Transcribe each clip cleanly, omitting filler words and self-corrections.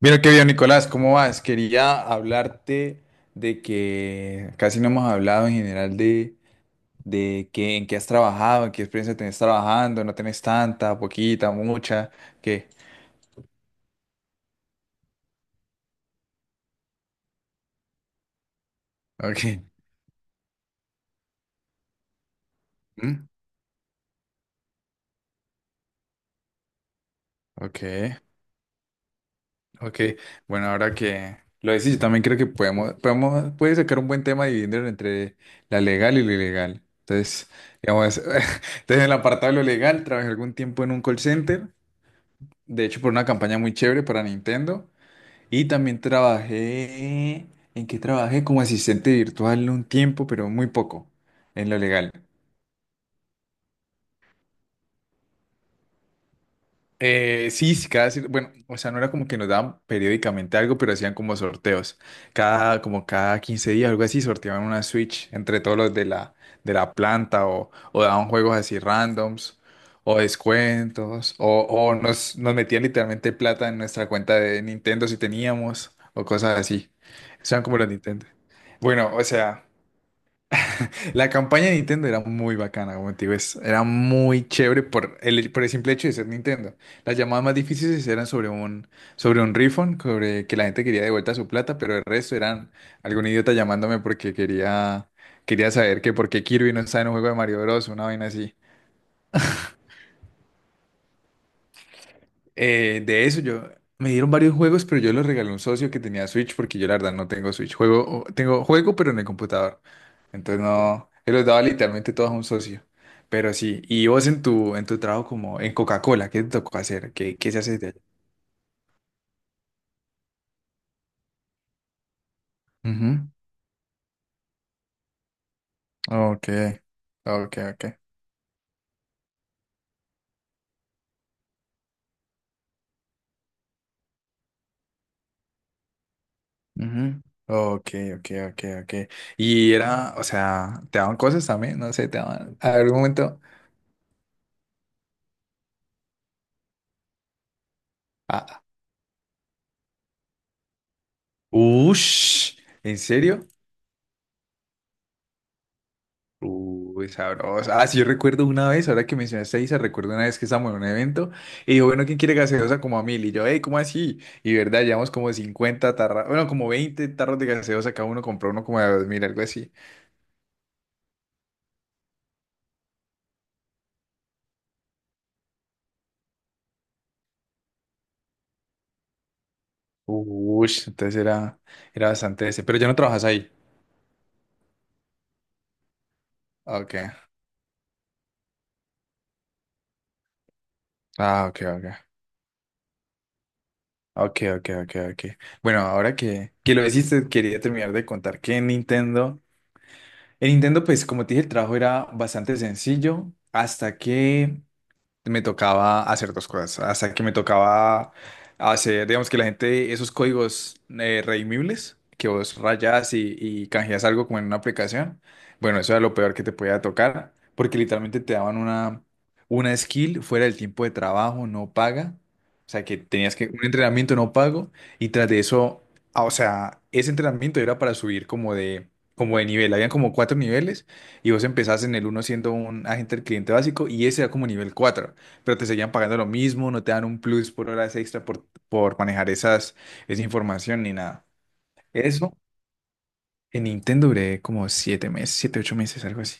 Mira qué bien, Nicolás, ¿cómo vas? Quería hablarte de que casi no hemos hablado en general de qué, en qué has trabajado, en qué experiencia tenés trabajando, no tenés tanta, poquita, mucha, qué. Ok. ¿Mm? Ok, ok. Bueno, ahora que lo decís, yo también creo que puedes sacar un buen tema dividiéndolo entre la legal y lo ilegal. Entonces, digamos, en el apartado de lo legal, trabajé algún tiempo en un call center, de hecho por una campaña muy chévere para Nintendo. Y también trabajé, ¿en qué trabajé? Como asistente virtual un tiempo, pero muy poco, en lo legal. Sí, sí, bueno, o sea, no era como que nos daban periódicamente algo, pero hacían como sorteos. Como cada 15 días, algo así, sorteaban una Switch entre todos los de la, planta o daban juegos así randoms o descuentos o nos metían literalmente plata en nuestra cuenta de Nintendo si teníamos o cosas así. Eso eran como los Nintendo. Bueno, o sea. La campaña de Nintendo era muy bacana, como te digo, era muy chévere por el, simple hecho de ser Nintendo. Las llamadas más difíciles eran sobre un refund, sobre que la gente quería de vuelta su plata, pero el resto eran algún idiota llamándome porque quería saber que por qué Kirby no está en un juego de Mario Bros, una vaina así. De eso yo me dieron varios juegos, pero yo los regalé a un socio que tenía Switch porque yo la verdad no tengo Switch. Tengo juego, pero en el computador. Entonces no, él los daba literalmente todos a un socio. Pero sí, y vos en tu trabajo como en Coca-Cola, ¿qué te tocó hacer? ¿Qué se hace de allá? Ujú. Ok, ok, ok. Ujú. Ok, ok, ok, ok. Y era, o sea, te daban cosas también, no sé, te daban. A ver, un momento. Ah, ush, ¿en serio? Uy, sabroso. Ah, sí, yo recuerdo una vez, ahora que mencionaste a Isa, recuerdo una vez que estábamos en un evento y dijo, bueno, ¿quién quiere gaseosa como a 1000? Y yo, hey, ¿cómo así? Y verdad, llevamos como 50 tarras, bueno, como 20 tarros de gaseosa, cada uno compró uno como de 2000, algo así. Uy, entonces era bastante ese. Pero ya no trabajas ahí. Ok. Ah, ok, ok. Ok, ok, ok, ok. Bueno, ahora que lo hiciste, quería terminar de contar que en Nintendo, pues como te dije, el trabajo era bastante sencillo hasta que me tocaba hacer dos cosas. Hasta que me tocaba hacer, digamos que la gente, esos códigos redimibles que vos rayas y canjeas algo como en una aplicación. Bueno, eso era lo peor que te podía tocar, porque literalmente te daban una skill fuera del tiempo de trabajo, no paga. O sea, que tenías que un entrenamiento no pago y tras de eso, o sea, ese entrenamiento era para subir como de, nivel. Habían como 4 niveles y vos empezás en el uno siendo un agente del cliente básico y ese era como nivel 4, pero te seguían pagando lo mismo, no te dan un plus por horas extra por, manejar esa información ni nada. Eso en Nintendo duré como 7 meses, 7, 8 meses, algo así.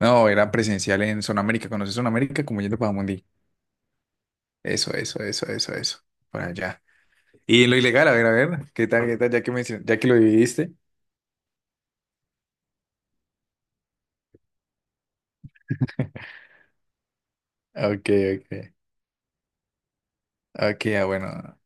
No, era presencial en Zona América. ¿Conoces Zona América? Como yendo para Mundi. Eso, eso, eso, eso, eso. Para allá. Y en lo ilegal, a ver, ¿qué tal, qué tal? Ya que lo dividiste. Ok, ok. Ok, ah, bueno.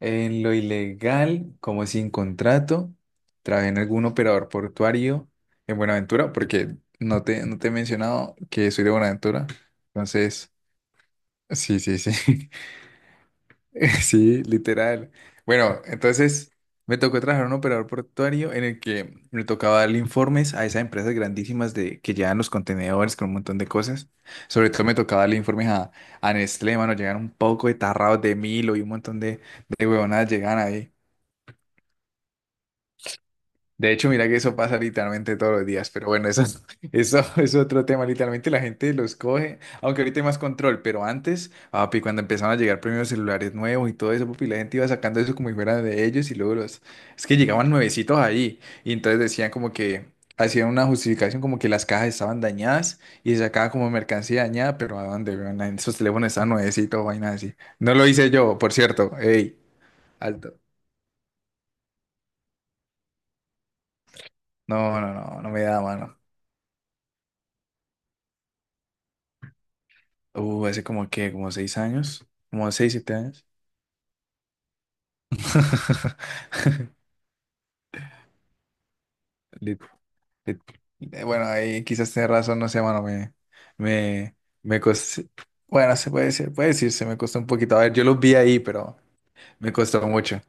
En lo ilegal, como sin contrato, trabajé en algún operador portuario en Buenaventura, porque no te he mencionado que soy de Buenaventura. Entonces, sí, sí, sí. Sí, literal. Bueno, entonces me tocó trabajar en un operador portuario en el que me tocaba darle informes a esas empresas grandísimas que llevan los contenedores con un montón de cosas. Sobre todo me tocaba darle informes a, Nestlé, mano, llegan un poco de tarrados de Milo y un montón de huevonadas llegan ahí. De hecho, mira que eso pasa literalmente todos los días, pero bueno, eso es, eso es otro tema. Literalmente la gente los coge, aunque ahorita hay más control, pero antes, papi, cuando empezaron a llegar primeros celulares nuevos y todo eso, papi, la gente iba sacando eso como si fuera de ellos y luego los. Es que llegaban nuevecitos ahí y entonces decían como que hacían una justificación como que las cajas estaban dañadas y se sacaba como mercancía dañada, pero ¿a dónde, weón? Esos teléfonos estaban nuevecitos, vainas así. No lo hice yo, por cierto. Ey, alto. No, no, no, no me da, mano. Hace como como 6 años, como 6, 7 años. Lit- lit- Bueno, ahí quizás tenés razón, no sé, mano, me, me costó, bueno, puede decirse, me costó un poquito. A ver, yo los vi ahí, pero me costó mucho.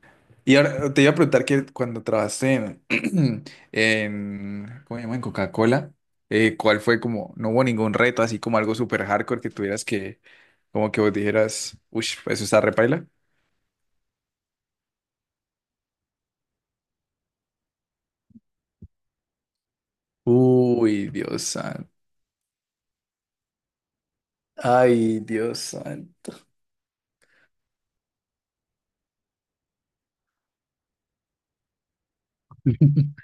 Y ahora te iba a preguntar que cuando trabajaste en, en ¿cómo se llama? En Coca-Cola, ¿cuál fue como, no hubo ningún reto, así como algo súper hardcore que tuvieras que, como que vos dijeras, uff, eso está repaila? Uy, Dios santo. Ay, Dios santo.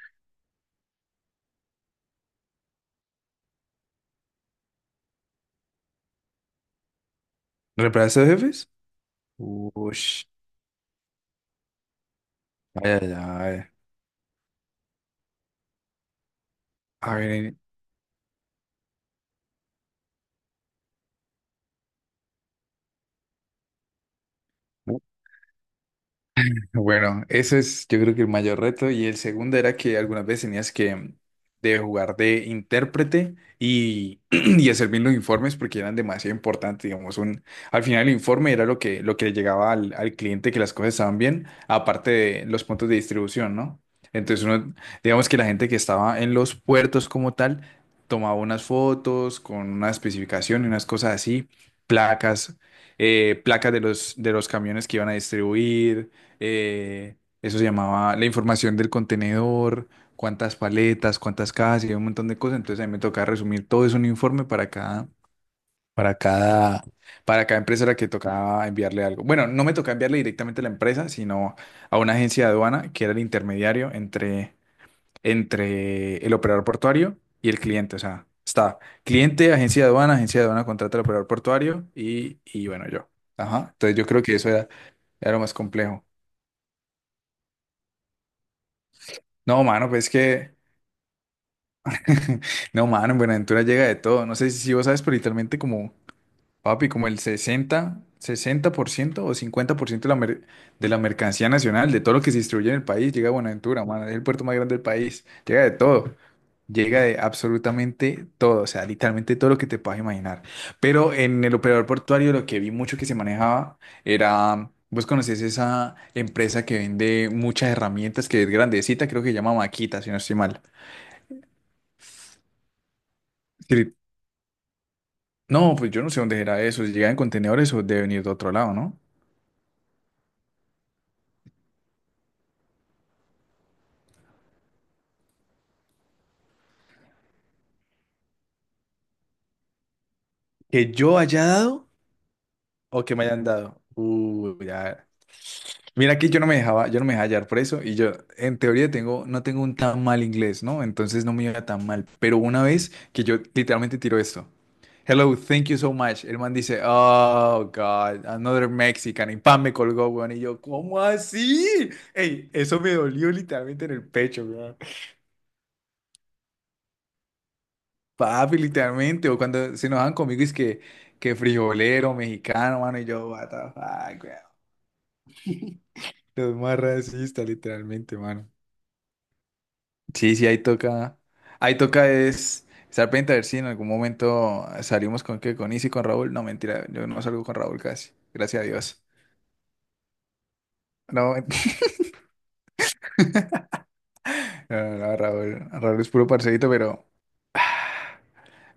¿Reemplazo de jefes? Uy, ay, ay, ay. A ver, bueno, ese es, yo creo que el mayor reto. Y el segundo era que algunas veces tenías que de jugar de intérprete y, y hacer bien los informes porque eran demasiado importantes, digamos, al final el informe era lo que, le llegaba al cliente que las cosas estaban bien, aparte de los puntos de distribución, ¿no? Entonces uno, digamos que la gente que estaba en los puertos como tal, tomaba unas fotos con una especificación y unas cosas así, placas, placas de los camiones que iban a distribuir. Eso se llamaba la información del contenedor, cuántas paletas, cuántas cajas y un montón de cosas. Entonces a mí me tocaba resumir todo eso en un informe para cada, para cada, para cada empresa a la que tocaba enviarle algo. Bueno, no me tocaba enviarle directamente a la empresa, sino a una agencia de aduana que era el intermediario entre el operador portuario y el cliente. O sea, está cliente, agencia de aduana contrata al operador portuario y bueno, yo. Ajá. Entonces yo creo que eso era lo más complejo. No, mano, pues es que no, mano, en Buenaventura llega de todo. No sé si vos sabes, pero literalmente papi, como el sesenta por ciento o 50% de la, de la mercancía nacional, de todo lo que se distribuye en el país, llega a Buenaventura, mano. Es el puerto más grande del país. Llega de todo. Llega de absolutamente todo. O sea, literalmente todo lo que te puedas imaginar. Pero en el operador portuario lo que vi mucho que se manejaba era. Vos conocés esa empresa que vende muchas herramientas, que es grandecita, creo que se llama Maquita, si no estoy mal. No, pues yo no sé dónde era eso, si llega en contenedores o debe venir de otro lado, ¿no? Que yo haya dado o que me hayan dado. Ya. Mira, aquí yo no me dejaba hallar por eso y yo en teoría tengo, no tengo un tan mal inglés, ¿no? Entonces no me iba tan mal. Pero una vez que yo literalmente tiro esto. Hello, thank you so much. El man dice, oh God, another Mexican. Y pan me colgó, weón. Y yo, ¿cómo así? Ey, eso me dolió literalmente en el pecho, weón. Papi, literalmente, o cuando se enojan conmigo es que, frijolero, mexicano, mano, y yo, what the fuck, weón. Los más racistas, literalmente, mano. Sí, sí, ahí toca es estar pendiente a ver si en algún momento salimos con qué con Isi, con Raúl. No, mentira, yo no salgo con Raúl casi, gracias a Dios. No, mentira, no, no, no, Raúl es puro parcerito, pero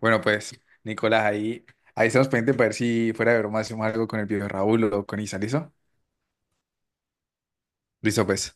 bueno, pues, Nicolás, ahí, estamos pendientes para ver si fuera de broma hacemos algo con el viejo Raúl o con Isa, ¿listo? Listo, pues.